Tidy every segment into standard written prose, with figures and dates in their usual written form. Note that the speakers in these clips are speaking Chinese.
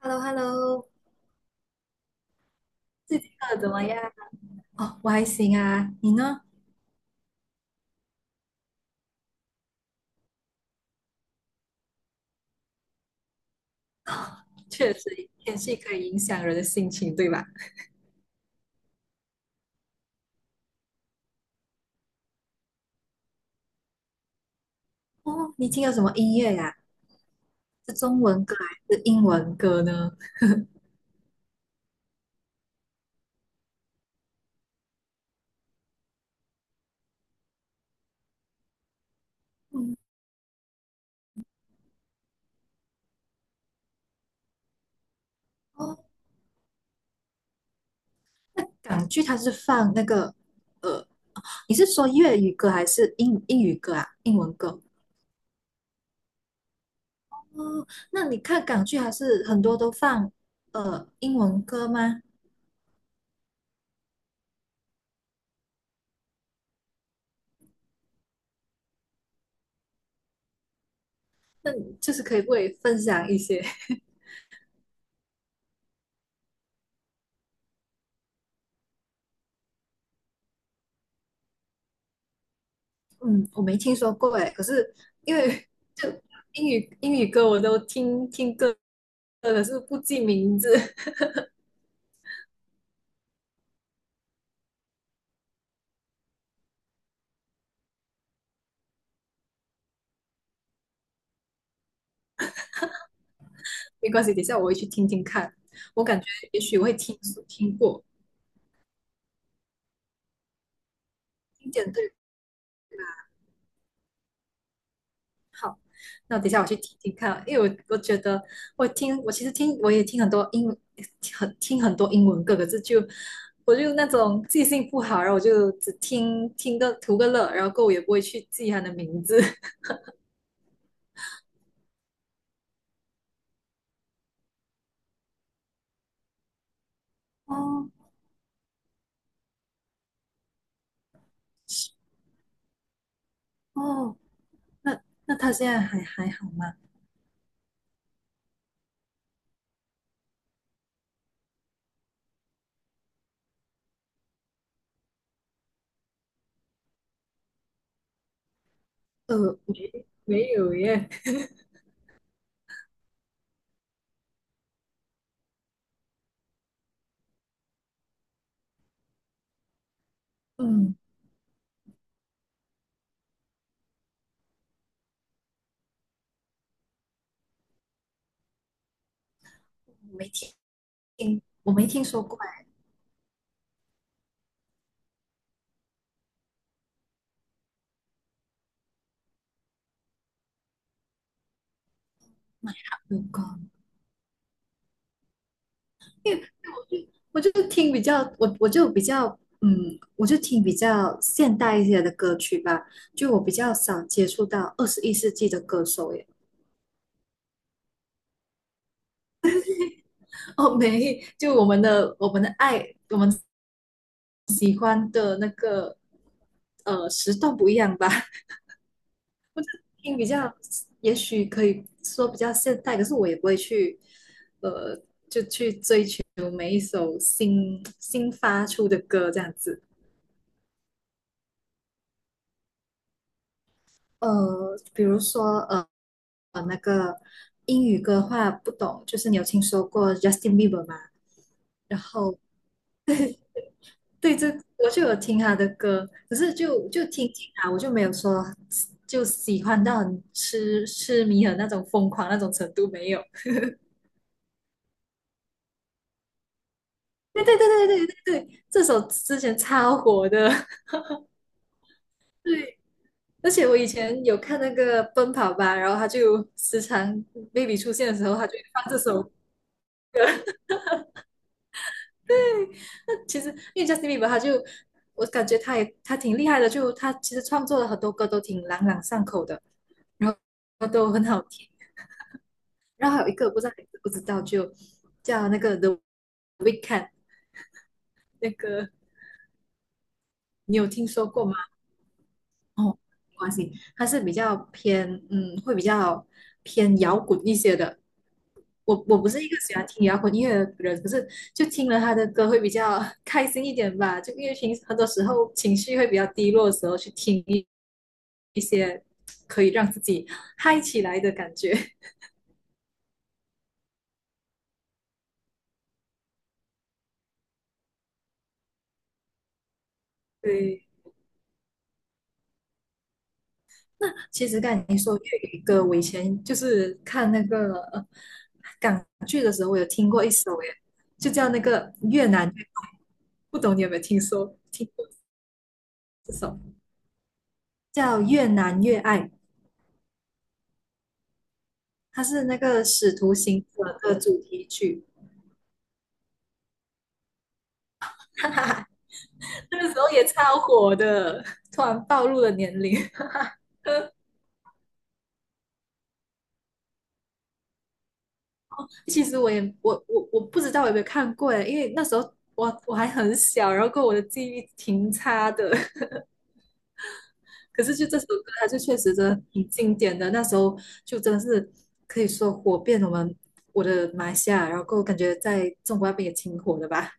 hello hello 最近过得怎么样？哦，我还行啊，你呢？哦，确实，天气可以影响人的心情，对吧？哦，你听了什么音乐呀、是中文歌还是英文歌呢？嗯，哦，那港剧它是放那个，呃，你是说粤语歌还是英语歌啊？英文歌？哦，那你看港剧还是很多都放英文歌吗？那你就是可以不可以分享一些？嗯，我没听说过诶，可是因为就英语歌我都听听歌，可是不记名字。没关系，等一下我会去听听看。我感觉也许我会听过，听见对。好，那等一下我去听听看，因为我觉得我也听很多英文歌，可是就我就那种记性不好，然后我就只听听个图个乐，然后过后我也不会去记它的名字。哦哦，那那他现在还好吗？没有耶。嗯，我没我没听说过哎。有关。我就我就听比较，我就比较，嗯，我就听比较现代一些的歌曲吧，就我比较少接触到21世纪的歌手耶。哦，没，就我们的爱，我们喜欢的那个，时段不一样吧。听比较，也许可以说比较现代，可是我也不会去，呃，每一首新发出的歌这样子。比如说那个英语歌的话不懂，就是你有听说过 Justin Bieber 吗？然后对，这我就有听他的歌，可是就听听啊，我就没有说就喜欢到很痴迷的那种疯狂那种程度没有。对对对对对对对，这首之前超火的。对，而且我以前有看那个《奔跑吧》，然后他就时常 baby 出现的时候，他就会放这首。那其实因为 Justin Bieber，我感觉他挺厉害的，就他其实创作了很多歌都挺朗朗上口的，然后都很好听。然后还有一个我不知道你知不知道，就叫那个 The 那个，你有听说过吗？哦，没关系，他是比较偏嗯，会比较偏摇滚一些的。我不是一个喜欢听摇滚音乐的人，可是就听了他的歌会比较 开心一点吧。就因为平时很多时候情绪会比较低落的时候，去听一些可以让自己 嗨起来的感觉。对，那其实刚才你说粤语歌，我以前就是看那个港剧的时候，我有听过一首耶，就叫那个越南越爱，不懂你有没有听过这首叫《越南越爱》，它是那个《使徒行者》的主题曲。那个时候也超火的，突然暴露了年龄。其实我不知道我有没有看过耶，因为那时候我还很小，然后跟我的记忆挺差的。可是就这首歌，它就确实真的挺经典的。那时候就真的是可以说火遍我的马来西亚，然后感觉在中国那边也挺火的吧。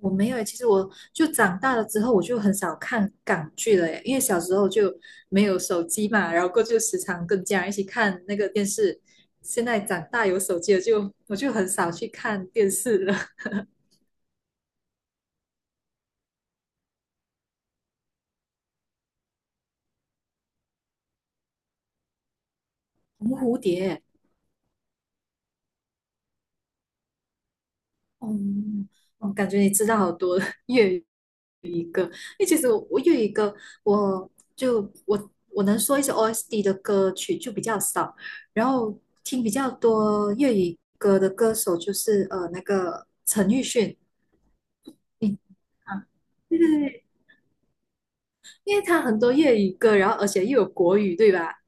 我没有欸，其实我就长大了之后，我就很少看港剧了耶，因为小时候就没有手机嘛，然后过就时常跟家人一起看那个电视。现在长大有手机了就，我就很少去看电视了。红蝴蝶。哦，我感觉你知道好多 粤语歌，因为其实我粤语歌，我就我我能说一些 OSD 的歌曲就比较少，然后听比较多粤语歌的歌手就是那个陈奕迅。嗯啊，对对对，因为他很多粤语歌，然后而且又有国语，对吧？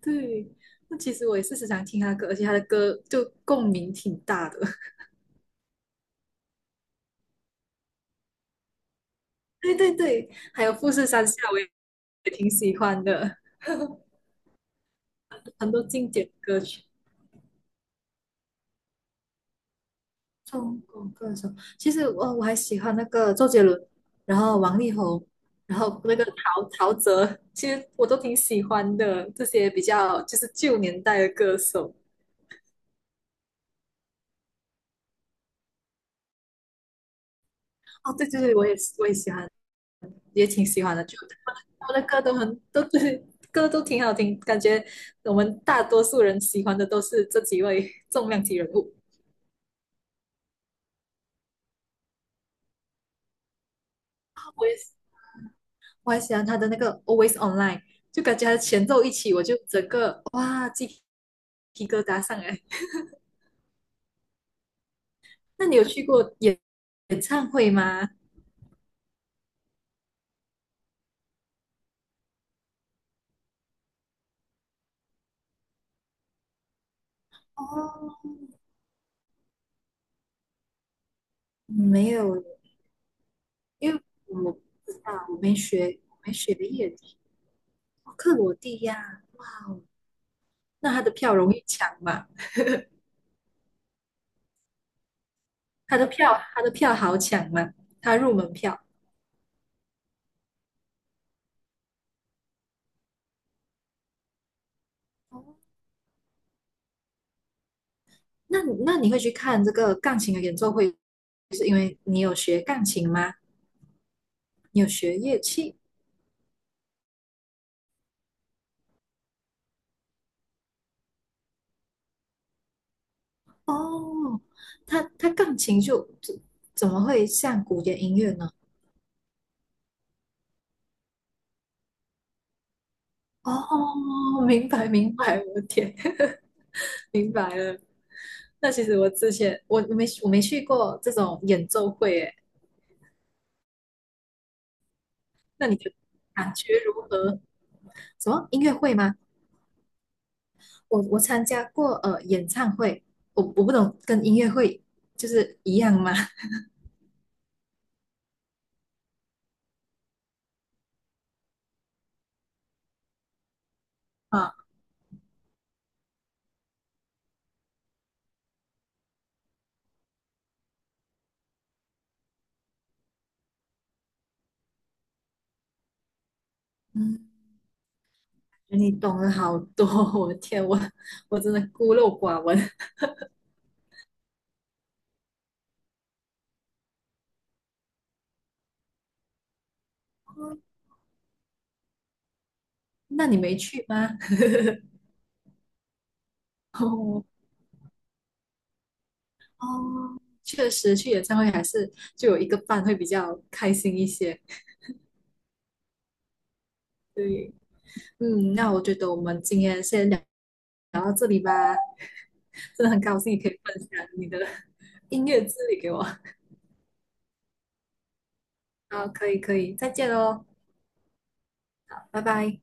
对，那其实我也是时常听他的歌，而且他的歌就共鸣挺大的。对对对，还有富士山下我也挺喜欢的，很多经典歌曲。中国歌手，其实我还喜欢那个周杰伦，然后王力宏，然后那个陶喆，其实我都挺喜欢的。这些比较就是旧年代的歌手。哦，对对对，我也喜欢，也挺喜欢的。就他们的歌都很，都对，歌都挺好听，感觉我们大多数人喜欢的都是这几位重量级人物。我也是。我还喜欢他的那个 Always Online，就感觉他的前奏一起，我就整个哇鸡皮疙瘩上来。那你有去过演唱会吗？哦，没有，因为我不知道，我没学乐理。哦，克罗地亚，哇哦，那他的票容易抢吗？他的票好抢吗？他入门票。哦，那你会去看这个钢琴的演奏会？你有学钢琴吗？你有学乐器？哦，它钢琴就怎么会像古典音乐呢？哦，明白明白，我的天。明白了。那其实我之前我我没我没去过这种演奏会，诶，那感觉如何？什么音乐会吗？我参加过演唱会，我不懂跟音乐会就是一样吗？啊，嗯，你懂了好多，我的天，我真的孤陋寡闻。那你没去吗？哦哦，确实去演唱会还是就有一个伴会比较开心一些。对，嗯，那我觉得我们今天先聊到这里吧，真的很高兴你可以分享你的 音乐之旅给我。好，可以可以，再见喽，拜拜。